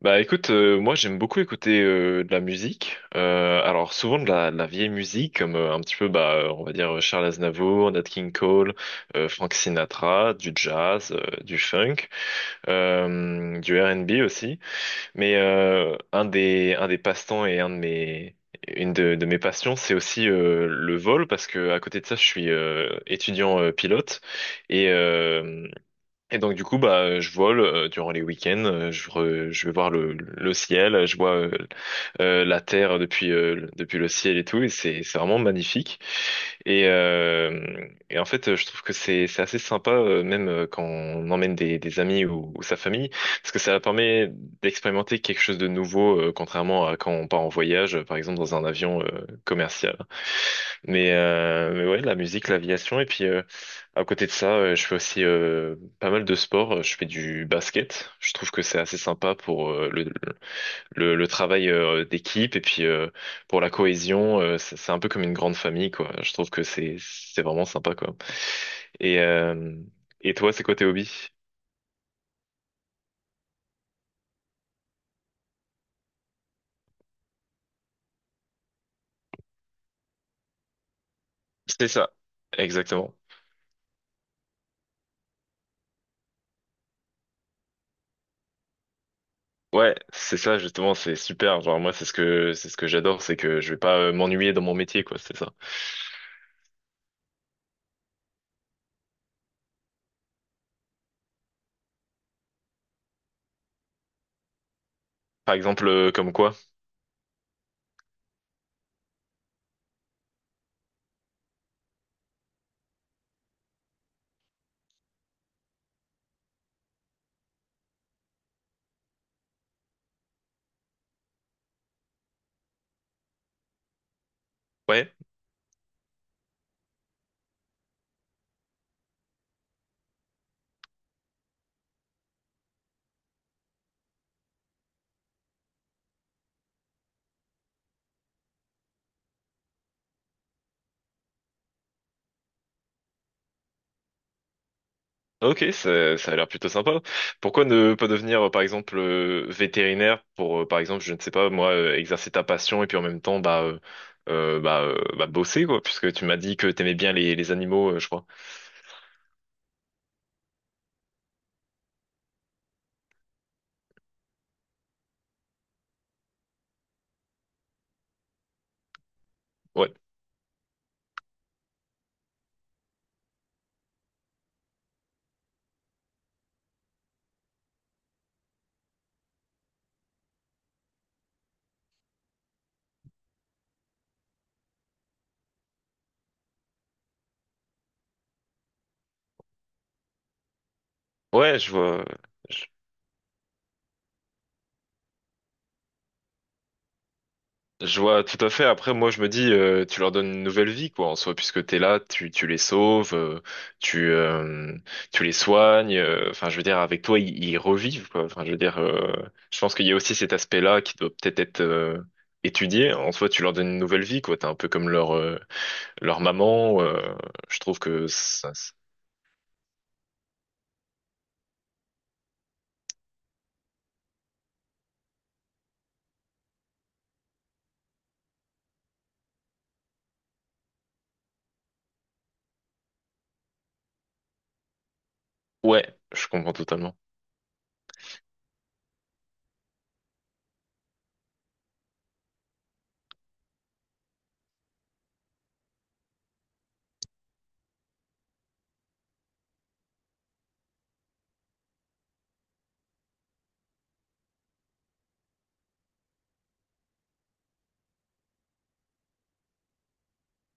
Bah écoute, moi j'aime beaucoup écouter de la musique. Alors souvent de la vieille musique, comme un petit peu, on va dire Charles Aznavour, Nat King Cole, Frank Sinatra, du jazz, du funk, du R&B aussi. Mais un des passe-temps et un de mes une de mes passions, c'est aussi le vol, parce que à côté de ça, je suis étudiant pilote et euh, et donc du coup bah je vole durant les week-ends, je vais voir le ciel, je vois la terre depuis depuis le ciel et tout, et c'est vraiment magnifique, et euh, et en fait je trouve que c'est assez sympa, même quand on emmène des amis ou sa famille, parce que ça permet d'expérimenter quelque chose de nouveau, contrairement à quand on part en voyage, par exemple dans un avion commercial. Mais ouais, la musique, l'aviation. Et puis, à côté de ça, je fais aussi pas mal de sport. Je fais du basket. Je trouve que c'est assez sympa pour le travail d'équipe, et puis pour la cohésion. C'est un peu comme une grande famille, quoi. Je trouve que c'est vraiment sympa, quoi. Et, euh, et toi, c'est quoi tes hobbies? C'est ça, exactement. Ouais, c'est ça, justement, c'est super. Genre moi, c'est ce que j'adore, c'est que je vais pas m'ennuyer dans mon métier, quoi. C'est ça. Par exemple, comme quoi? Ouais, ok, ça a l'air plutôt sympa. Pourquoi ne pas devenir, par exemple, vétérinaire, pour, par exemple, je ne sais pas, moi, exercer ta passion et puis en même temps, bah, bosser, quoi, puisque tu m'as dit que t'aimais bien les animaux, je crois. Ouais, ouais, je vois. Je vois tout à fait. Après, moi, je me dis, tu leur donnes une nouvelle vie, quoi, en soi, puisque t'es là, tu les sauves, tu, euh, tu les soignes. Enfin, je veux dire, avec toi, ils revivent, quoi. Enfin, je veux dire, je pense qu'il y a aussi cet aspect-là qui doit peut-être être, étudié. En soi, tu leur donnes une nouvelle vie, quoi. T'es un peu comme leur, leur maman. Je trouve que ça- ouais, je comprends totalement.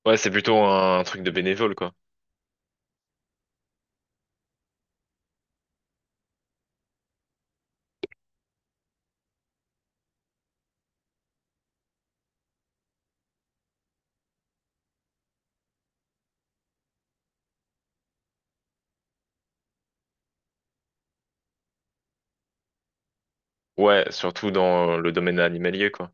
Ouais, c'est plutôt un truc de bénévole, quoi. Ouais, surtout dans le domaine animalier, quoi.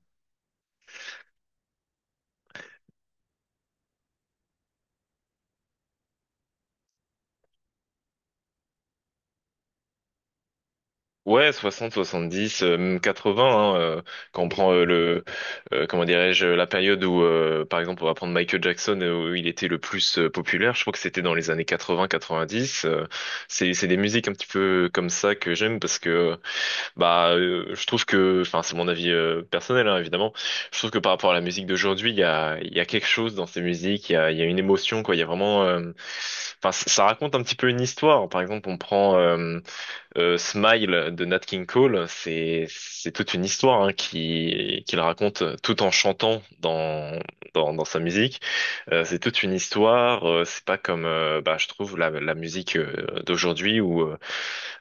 Ouais, 60, 70, même 80, hein, quand on prend comment dirais-je, la période où, par exemple, on va prendre Michael Jackson, où il était le plus populaire. Je crois que c'était dans les années 80, 90, c'est des musiques un petit peu comme ça que j'aime, parce que, je trouve que, enfin, c'est mon avis personnel, hein, évidemment, je trouve que par rapport à la musique d'aujourd'hui, il y a quelque chose dans ces musiques, il y a une émotion, quoi, il y a vraiment, enfin, ça raconte un petit peu une histoire. Par exemple, on prend, Smile de Nat King Cole, c'est toute une histoire, hein, qui qu'il raconte tout en chantant dans dans sa musique. C'est toute une histoire. C'est pas comme bah, je trouve la musique d'aujourd'hui où euh,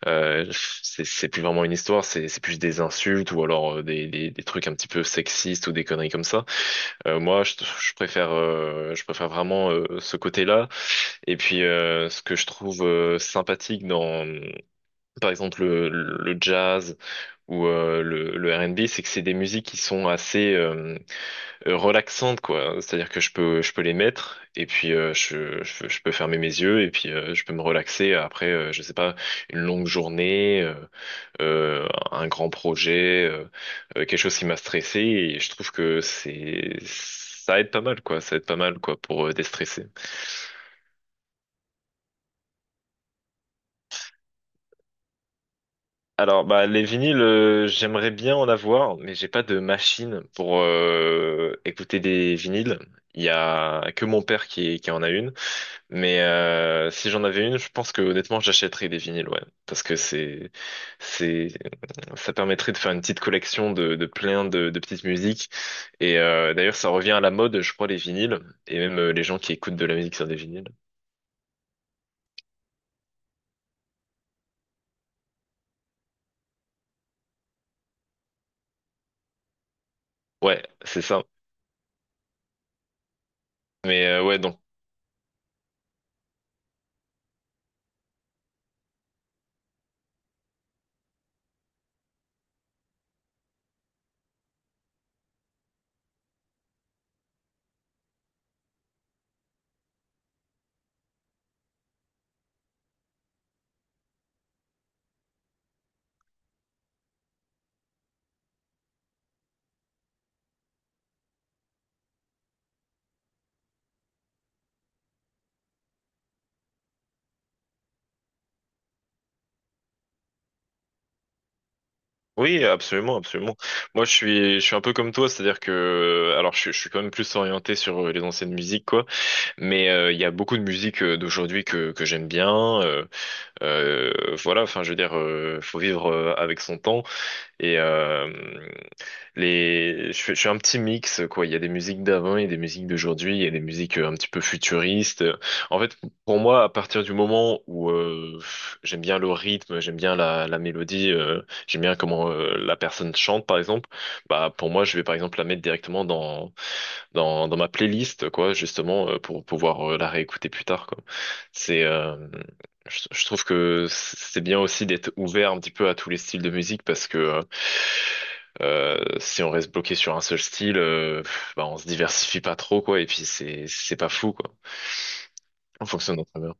euh, c'est plus vraiment une histoire, c'est plus des insultes, ou alors des trucs un petit peu sexistes, ou des conneries comme ça. Euh, moi je, je préfère, je préfère vraiment ce côté-là. Et puis ce que je trouve sympathique dans par exemple le jazz ou le R&B, c'est que c'est des musiques qui sont assez relaxantes, quoi. C'est-à-dire que je peux les mettre et puis je peux fermer mes yeux, et puis je peux me relaxer après, je sais pas, une longue journée, un grand projet, quelque chose qui m'a stressé, et je trouve que c'est ça aide pas mal, quoi. Ça aide pas mal, quoi, pour déstresser. Alors, bah, les vinyles, j'aimerais bien en avoir, mais j'ai pas de machine pour écouter des vinyles. Il y a que mon père qui en a une, mais si j'en avais une, je pense que honnêtement, j'achèterais des vinyles, ouais, parce que c'est, ça permettrait de faire une petite collection de plein de petites musiques. Et d'ailleurs, ça revient à la mode, je crois, les vinyles, et même les gens qui écoutent de la musique sur des vinyles. Ouais, c'est ça. Mais euh, ouais, donc Oui, absolument, absolument. Moi, je suis un peu comme toi, c'est-à-dire que, alors, je suis quand même plus orienté sur les anciennes musiques, quoi. Mais il y a beaucoup de musique d'aujourd'hui que j'aime bien. euh, voilà, enfin, je veux dire, faut vivre avec son temps. Et euh, je fais un petit mix, quoi. Il y a des musiques d'avant et des musiques d'aujourd'hui, il y a des musiques un petit peu futuristes. En fait, pour moi, à partir du moment où j'aime bien le rythme, j'aime bien la mélodie, j'aime bien comment la personne chante, par exemple, bah pour moi, je vais par exemple la mettre directement dans ma playlist, quoi, justement, pour pouvoir la réécouter plus tard, quoi. C'est, euh, je trouve que c'est bien aussi d'être ouvert un petit peu à tous les styles de musique, parce que si on reste bloqué sur un seul style, bah, on se diversifie pas trop, quoi, et puis c'est pas fou, quoi, en fonction de notre humeur.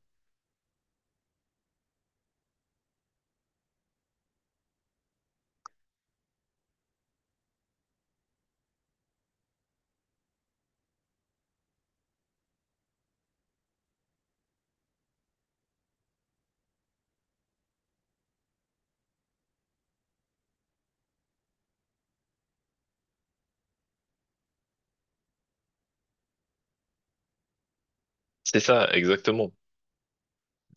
C'est ça, exactement.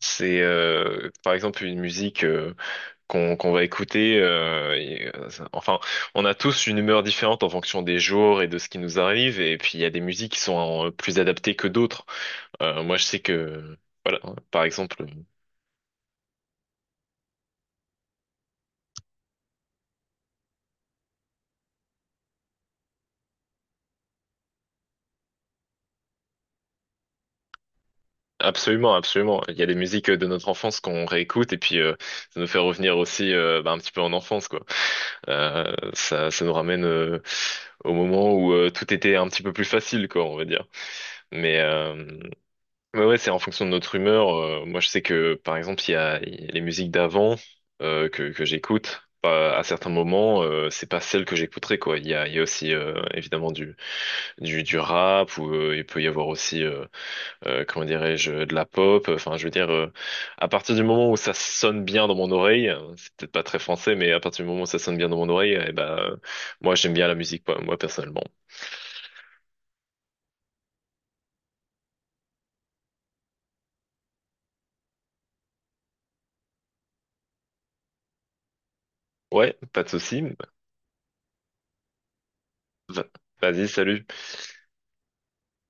C'est par exemple une musique qu'on va écouter. Enfin, on a tous une humeur différente en fonction des jours et de ce qui nous arrive. Et puis il y a des musiques qui sont plus adaptées que d'autres. Moi, je sais que voilà, par exemple, absolument, absolument, il y a des musiques de notre enfance qu'on réécoute, et puis ça nous fait revenir aussi, bah, un petit peu en enfance, quoi. Ça nous ramène au moment où tout était un petit peu plus facile, quoi, on va dire. Mais euh, Ouais, ouais, c'est en fonction de notre humeur. Moi, je sais que, par exemple, il y a les musiques d'avant que j'écoute. Bah, à certains moments, c'est pas celle que j'écouterais, quoi. Il y a aussi, évidemment, du rap, ou il peut y avoir aussi, comment dirais-je, de la pop. Enfin, je veux dire, à partir du moment où ça sonne bien dans mon oreille, c'est peut-être pas très français, mais à partir du moment où ça sonne bien dans mon oreille, eh ben, moi, j'aime bien la musique, quoi, moi, personnellement. Ouais, pas de souci. Va- Vas-y, salut.